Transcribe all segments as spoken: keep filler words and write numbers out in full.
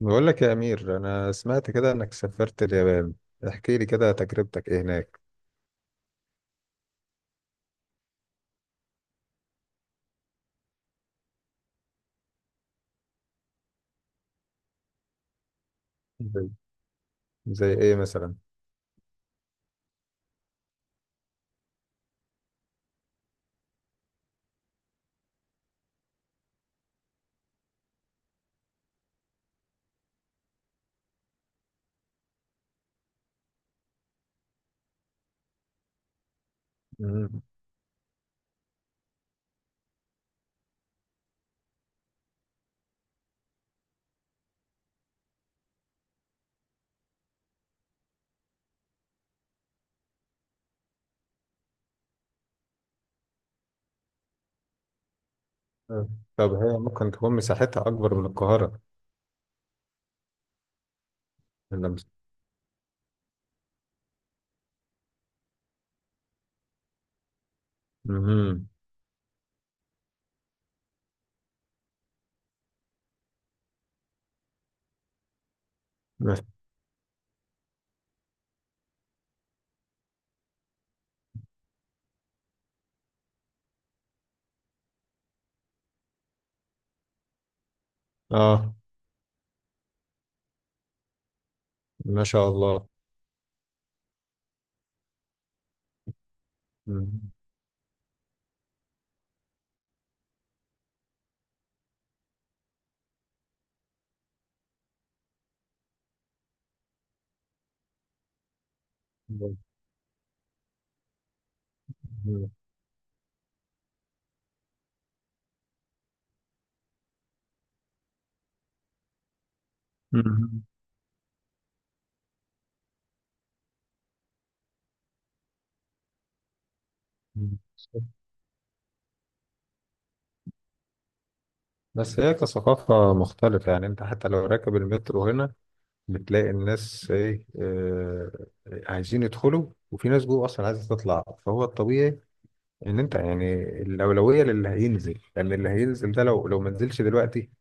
بقول لك يا أمير، أنا سمعت كده إنك سافرت اليابان. احكي لي كده تجربتك إيه هناك. زي زي إيه مثلا؟ مم. آه. طب هي ممكن تكون مساحتها أكبر من القاهرة؟ إلا مس- مهم. مس- آه، ما شاء الله. مهم. مهم. مهم. بس هي كثقافة مختلفة، يعني أنت حتى لو راكب المترو هنا بتلاقي الناس إيه، آه، عايزين يدخلوا وفي ناس جوه أصلا عايزة تطلع، فهو الطبيعي ان انت يعني الاولويه للي هينزل، لان اللي هينزل ده لو لو ما نزلش دلوقتي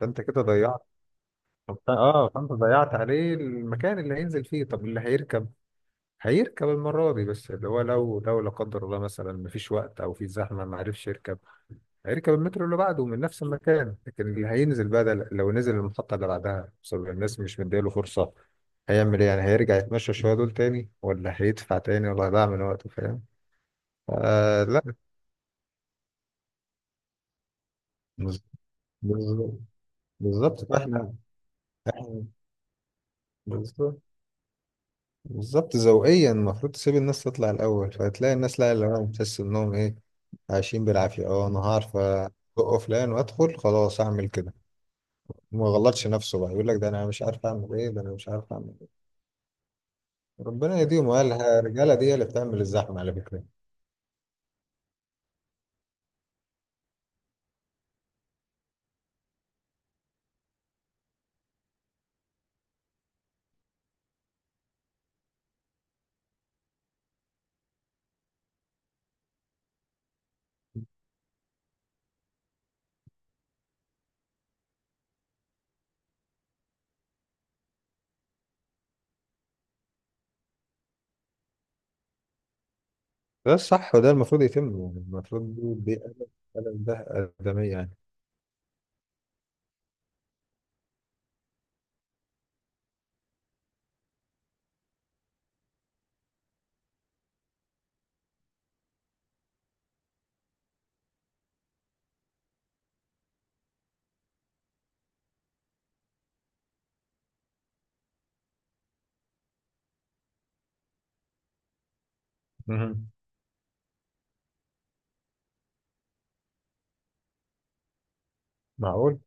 فانت كده ضيعت. فانت- اه فانت ضيعت عليه المكان اللي هينزل فيه. طب اللي هيركب هيركب المره دي، بس اللي هو لو لو لا قدر الله مثلا مفيش وقت او في زحمه ما عرفش يركب، هيركب المترو اللي بعده من نفس المكان. لكن اللي هينزل بقى ده لو نزل المحطه اللي بعدها بسبب الناس مش مديله فرصه، هيعمل ايه؟ يعني هيرجع يتمشى شويه دول تاني، ولا هيدفع تاني، ولا هيضيع من وقته؟ فاهم؟ آه، لا. بالظبط، بالظبط. فاحنا احنا بالظبط، بالظبط. ذوقيا المفروض تسيب الناس تطلع الاول، فهتلاقي الناس لا، اللي هو بتحس انهم ايه، عايشين بالعافيه. اه، انا هعرف ازق فلان وادخل خلاص اعمل كده. ما غلطش نفسه بقى، يقول لك ده انا مش عارف اعمل ايه، ده انا مش عارف اعمل ايه. ربنا يهديهم. وقال ها، الرجاله دي هي اللي بتعمل الزحمه على فكره. ده الصح وده المفروض يتم. يعني المفروض دي دي أدب. أدب ده. ادميه يعني. مهم. معقول.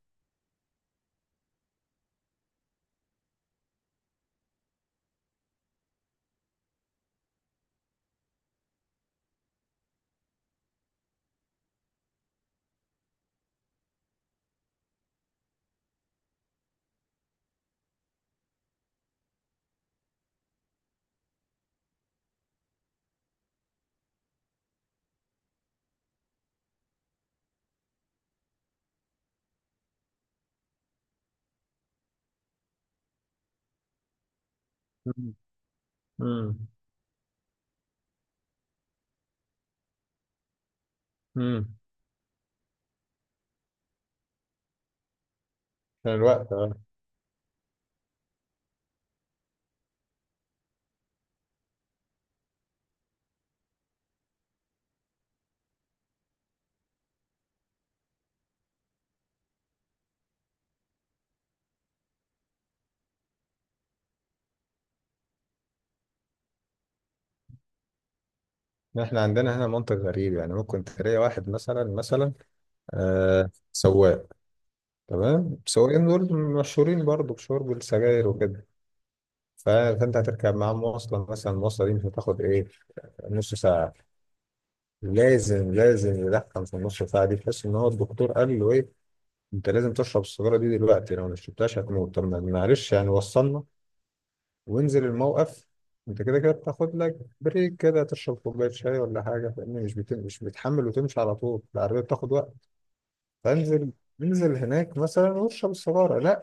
امم. امم. كان الوقت آه. احنا عندنا هنا منطق غريب، يعني ممكن تلاقي واحد مثلا مثلا، آه سواق. تمام. السواقين دول مشهورين برضو بشرب السجاير وكده. ف- فانت هتركب معاه مواصلة مثلا، المواصلة دي مش هتاخد ايه، نص ساعة. لازم لازم يدخن في النص ساعة دي، تحس ان هو الدكتور قال له ايه، انت لازم تشرب السيجارة دي دلوقتي، لو ما شربتهاش هتموت. طب ما- معلش يعني وصلنا وانزل الموقف. انت كده كده بتاخد لك بريك كده، تشرب كوباية شاي ولا حاجة، لأن مش بت... مش بتحمل وتمشي على طول. العربية بتاخد، فانزل، انزل هناك مثلا واشرب السجاره. لا،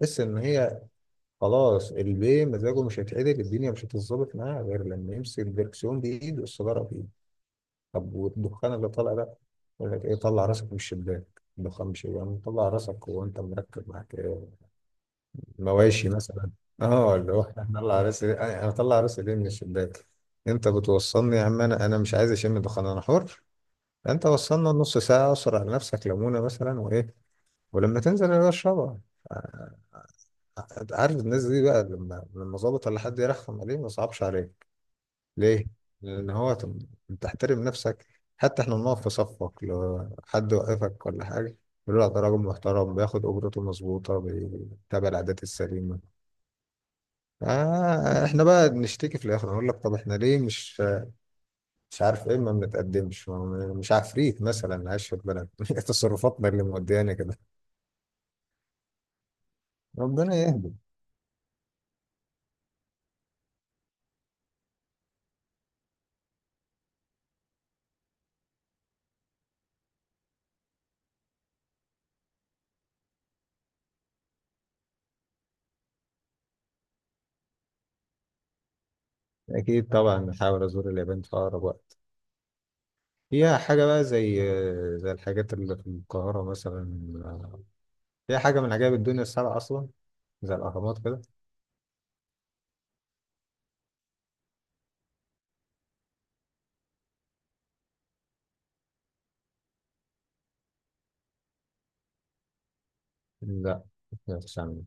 تحس ان هي خلاص البيه مزاجه مش هيتعدل، الدنيا مش هتتظبط معاه غير لما يمسك الدركسيون بايده والسجاره بايده. طب والدخان اللي طالع ده؟ يقول لك ايه، طلع راسك من الشباك. الدخان مش يعني، طلع راسك وانت مركب معاك إيه؟ مواشي مثلا؟ اه، اللي هو انا اطلع راسي، انا أنا اطلع راسي ليه من الشباك؟ انت بتوصلني يا عم، انا انا مش عايز اشم دخان، انا حر. انت وصلنا نص ساعه، اسرع على نفسك ليمونه مثلا وايه، ولما تنزل يا باشا اشربها. أنت عارف الناس دي بقى، لما لما ظابط ولا حد يرخم عليه، ما صعبش عليك ليه؟ لأن هو تم- تحترم نفسك. حتى احنا بنقف في صفك، لو حد وقفك ولا حاجة يقول لك ده راجل محترم، بياخد أجرته مظبوطة، بيتابع العادات السليمة. آه، احنا بقى بنشتكي في الآخر، نقول لك طب احنا ليه مش، مش عارف ايه، ما بنتقدمش. ما- مش عفريت مثلا عايش في البلد، تصرفاتنا اللي موديانا كده. ربنا يهدي. أكيد طبعا نحاول أزور اليابان في أقرب وقت. فيها حاجة بقى زي زي الحاجات اللي في القاهرة مثلا؟ فيها حاجة من عجائب الدنيا السبعة أصلا، زي الأهرامات كده؟ لا، ما فيش عندنا.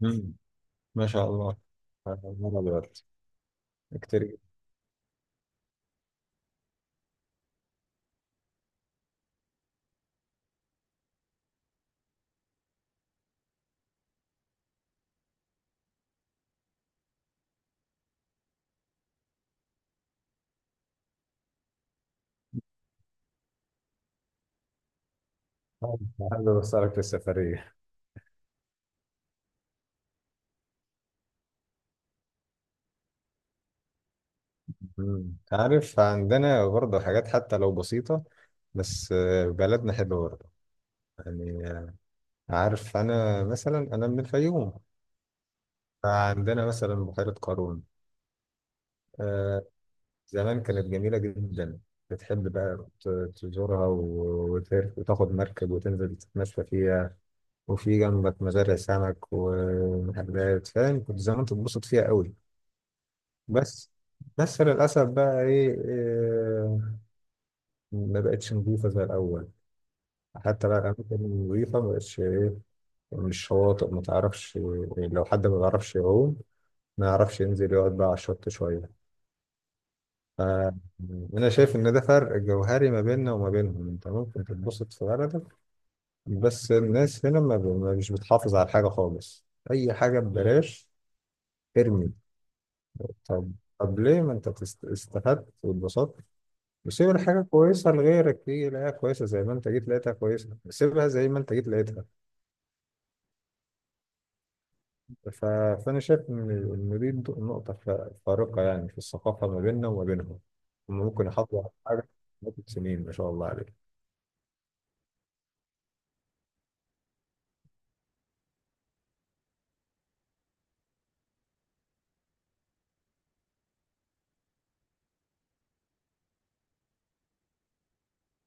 مم. ما شاء الله. مرة دلوقتي؟ كتير جدا. حابب أسألك في السفرية. مم. عارف عندنا برضه حاجات حتى لو بسيطة، بس آه، بلدنا حلوة برضه، يعني آه، عارف أنا مثلا أنا من الفيوم. فعندنا مثلا بحيرة قارون، زمان كانت جميلة جدا. بتحب بقى ت- تزورها و- وتر- وتاخد مركب وتنزل تتمشى فيها، وفي جنبك مزارع سمك ومحلات، فاهم؟ كنت زمان تتبسط فيها قوي. بس بس للأسف بقى إيه, إيه ما بقتش نظيفة زي الأول. حتى بقى الأماكن النظيفة ما بقتش إيه، مش شواطئ ما تعرفش. لو حد ما بيعرفش يعوم، ما يعرفش ينزل يقعد بقى على الشط شوية. فأنا شايف إن ده فرق جوهري ما بيننا وما بينهم. أنت ممكن تتبسط في بلدك، بس الناس هنا ما ب- ما- مش بتحافظ على حاجة خالص. أي حاجة مم. ببلاش. ارمي. طب طب ليه، ما أنت تست- استفدت واتبسطت، وسيب الحاجة كويسة لغيرك تيجي يلاقيها كويسة، زي ما أنت جيت لقيتها كويسة سيبها زي ما أنت جيت لقيتها. ف... فأنا شايف إن إن دي نقطة ف- فارقة، يعني في الثقافة ما بيننا وما بينهم. هم ممكن يحافظوا على حاجة مدة سنين، ما شاء الله عليهم.